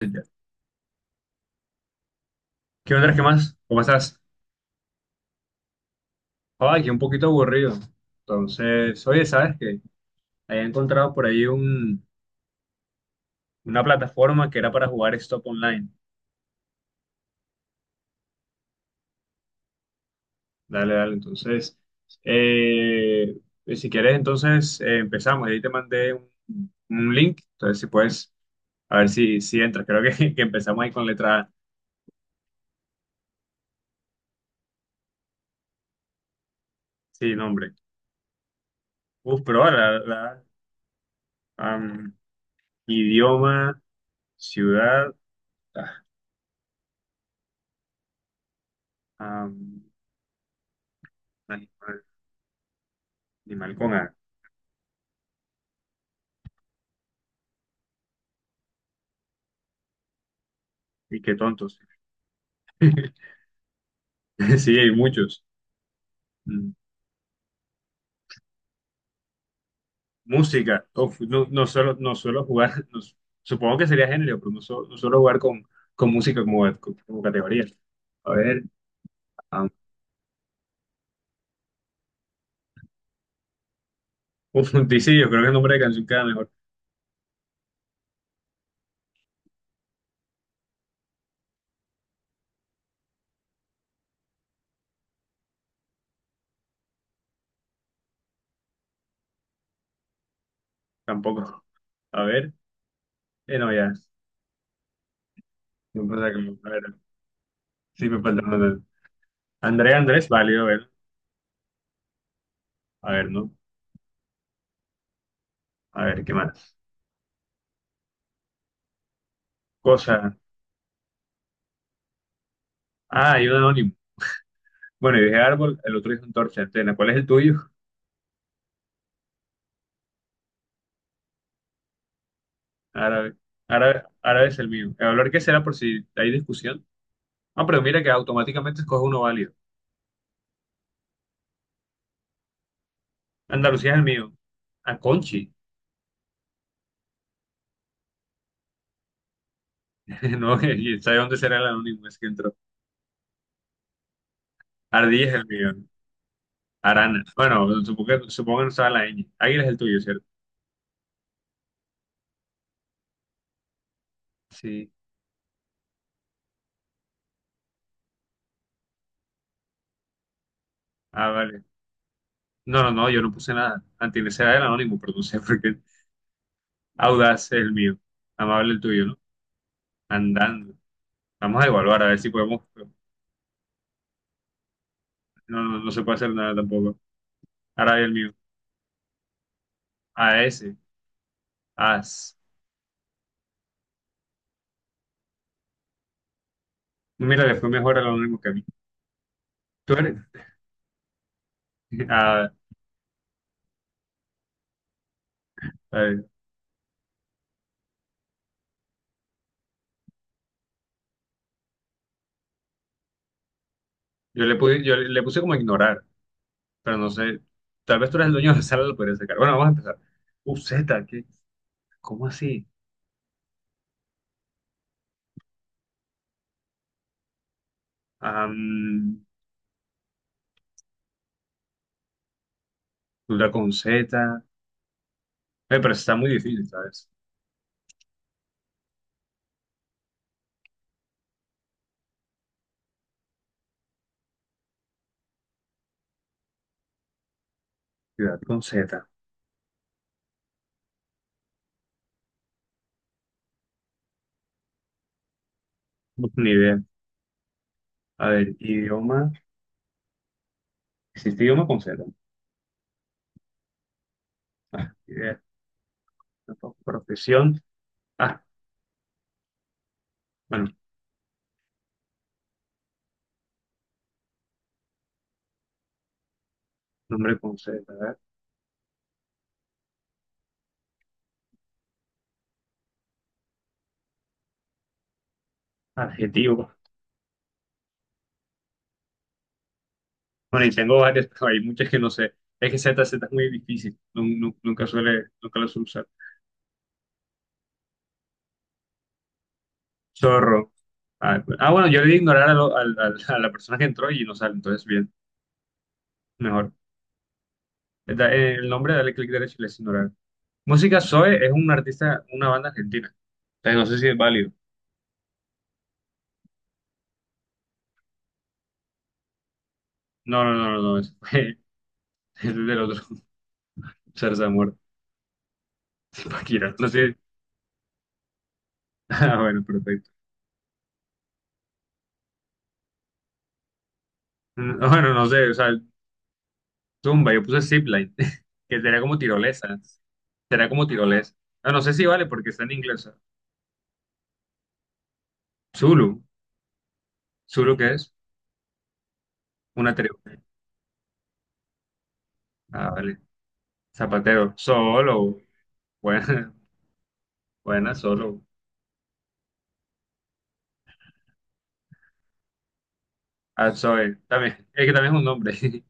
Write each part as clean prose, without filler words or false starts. Ya. ¿Qué onda? ¿Qué más? ¿Cómo estás? Ay, que un poquito aburrido. Entonces, oye, ¿sabes qué? Había encontrado por ahí una plataforma que era para jugar Stop Online. Dale, dale. Entonces, eh, si quieres, entonces empezamos. Ahí te mandé un link. Entonces, si puedes, a ver si entras. Creo que, que empezamos ahí con letra A. Sí, nombre. Uf, pero ahora, am, idioma, ciudad, ah, am, animal, animal con A. Y qué tontos. Sí, hay muchos. Mm. Música. Uf, no, no suelo jugar, no su- supongo que sería género, pero no, no suelo jugar con música como categoría. A ver, ah, uf, dice yo creo que el nombre de canción queda mejor. Tampoco. A ver, no, ya. No pasa que a ver, sí me falta una. Andrés, Andrés, válido, a ver. A ver, ¿no? A ver, ¿qué más? Cosa. Ah, hay un anónimo. Bueno, yo dije árbol, el otro dijo antorcha, antena. ¿Cuál es el tuyo? Árabe. Árabe es el mío. El valor que será por si hay discusión. Ah, pero mira que automáticamente escoge uno válido. Andalucía es el mío. A Conchi. No, y sabe dónde será el anónimo, es que entró. Ardilla es el mío. Arana. Bueno, supongo que no estaba la ñ. Águila es el tuyo, ¿cierto? Sí. Ah, vale. No, no, no, yo no puse nada. Antilés era el anónimo, pero no sé por qué. Audaz es el mío. Amable el tuyo, ¿no? Andando. Vamos a evaluar a ver si podemos. No, no, no se puede hacer nada tampoco. Ahora el mío. A S, AS. Mira, le fue mejor a lo único que a mí. Tú eres. Ah, a ver, yo le puse como ignorar, pero no sé. Tal vez tú eres el dueño de la sala, lo podrías sacar. Bueno, vamos a empezar. UZ, ¿qué? ¿Cómo así? Am, duda con Z. Pero está muy difícil, ¿sabes? Ciudad con Z. Ni idea. A ver, idioma. ¿Existe idioma con Z? Ah, ni idea. Tampoco. Profesión. Ah, bueno, nombre con Z. A ver. Adjetivo. Bueno, y tengo varias, pero hay muchas que no sé. Es que Z, Z es muy difícil. Nunca lo suele usar. Zorro. Ah, bueno, yo le di ignorar a, lo- al- al- a la persona que entró y no sale, entonces bien, mejor. El nombre, dale clic derecho y le das ignorar. Música Zoe es un artista, una banda argentina. Entonces no sé si es válido. No, no, no, no, no, es fue- ese es del otro. Zarzamora. Shakira. No sé. Ah, bueno, perfecto. Mm, bueno, no sé, o sea, tumba, yo puse zipline, que sería como tirolesa. Será como tirolesa. No, no sé si vale porque está en inglés. Zulu. ¿Zulu qué es? Una tribu. Ah, vale. Zapatero. Solo. Buena, buena, solo. Ah, Zoe. También. Es que también es un nombre.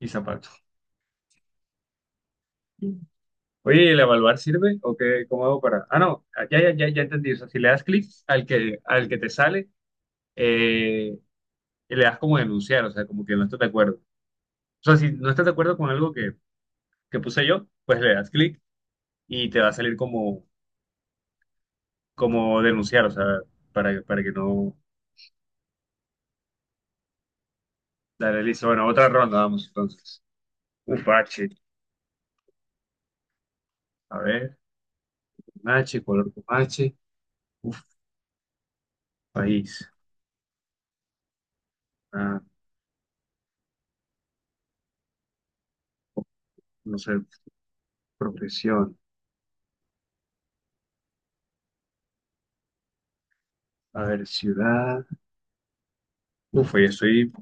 Y zapato. Oye, ¿y el evaluar sirve? ¿O qué? ¿Cómo hago para...? Ah, no. Ya, ya, ya, ya entendí. O sea, si le das clic al que te sale, eh, y le das como denunciar. O sea, como que no estás de acuerdo. O sea, si no estás de acuerdo con algo que puse yo, pues le das clic y te va a salir como... como denunciar, o sea, para que no... Dale, listo. Bueno, otra ronda, vamos entonces. Uf, H. A ver, con H, color con H. Uf, país. Ah, no sé, profesión. A ver, ciudad. Uf, yo estoy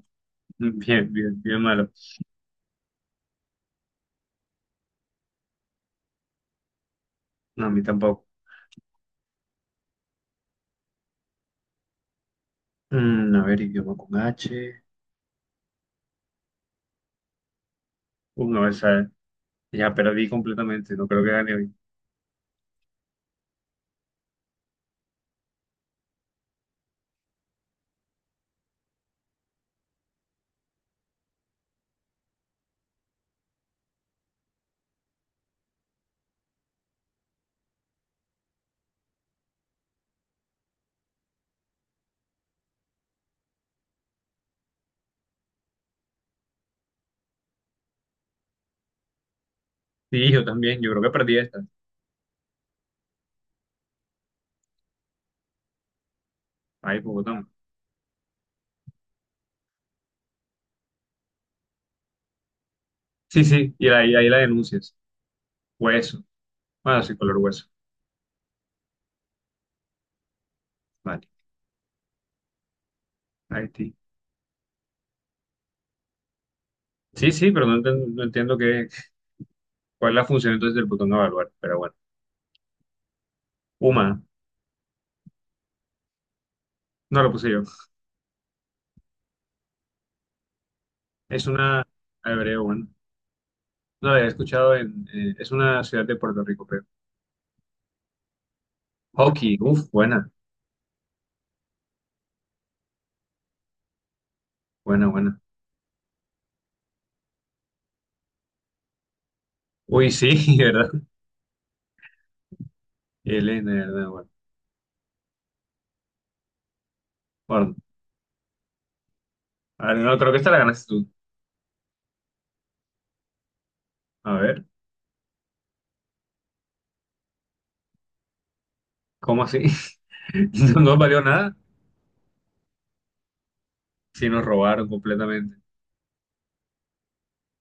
bien, bien, bien malo. No, a mí tampoco. Mm, a ver, idioma con H. Uf, no, esa ya perdí completamente. No creo que gane hoy. Sí, yo también. Yo creo que perdí esta. Ahí, Bogotá. Sí, sí, y ahí la denuncias. Hueso. Ah, sí, color hueso. Vale. Haití. Sí, sí, pero no entiendo qué, cuál es la función entonces del botón evaluar, pero bueno. Uma, no lo puse yo. Es una hebreo, bueno. No la había escuchado es una ciudad de Puerto Rico, creo. Hockey, uff, buena, buena, buena. Uy, sí, ¿verdad? Elena, ¿verdad? Bueno, bueno. A ver, no, creo que esta la ganaste tú. A ver, ¿cómo así? No, no valió nada, sí nos robaron completamente.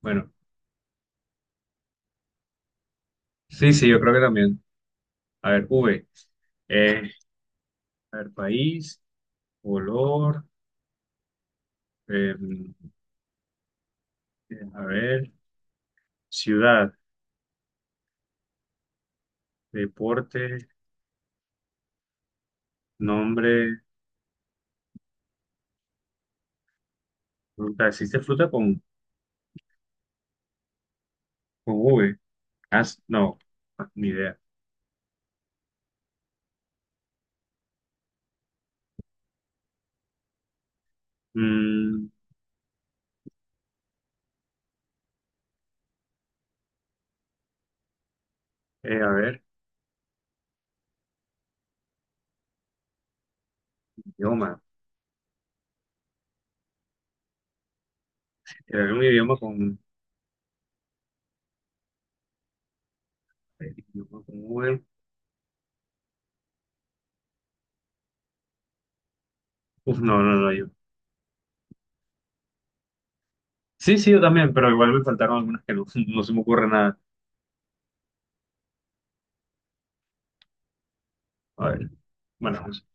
Bueno, sí, sí, yo creo que también. A ver, V. Eh, a ver, país, color, eh, bien, a ver, ciudad, deporte, nombre, fruta. ¿Existe fruta con V? Ah, no, ah, ni idea. Mm, a ver, idioma. ¿Era un idioma idioma con V? Uf, no, no, no, yo. Sí, sí, yo también, pero igual me faltaron algunas que no, no se me ocurre nada. A ver, bueno, vamos.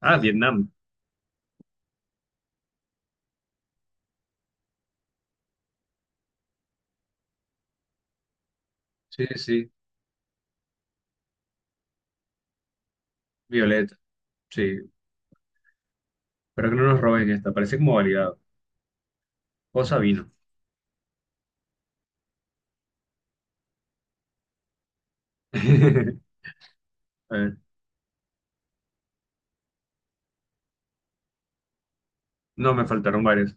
Ah, Vietnam. Sí, sí, Violeta. Sí, pero que no nos roben esta, parece como validado. Cosa vino. A ver, no, me faltaron varias.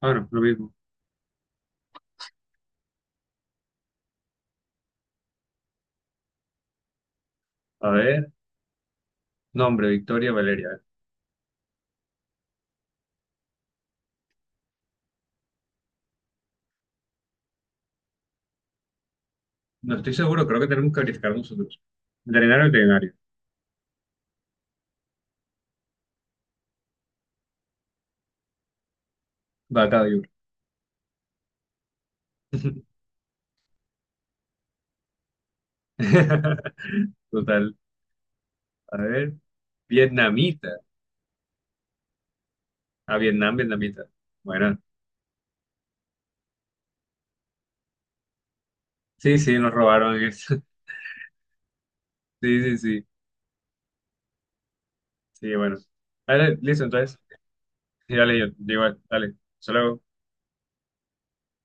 Bueno, lo mismo. A ver. Nombre, Victoria Valeria. No estoy seguro, creo que tenemos que verificar nosotros. Veterinario, veterinario. Vaca de oro. Total. A ver. Vietnamita. A Vietnam, vietnamita. Bueno. Sí, sí, nos robaron eso. Sí, sí, sí. Sí, bueno. Dale, listo, entonces. Sí, dale, yo. Igual, dale. Solo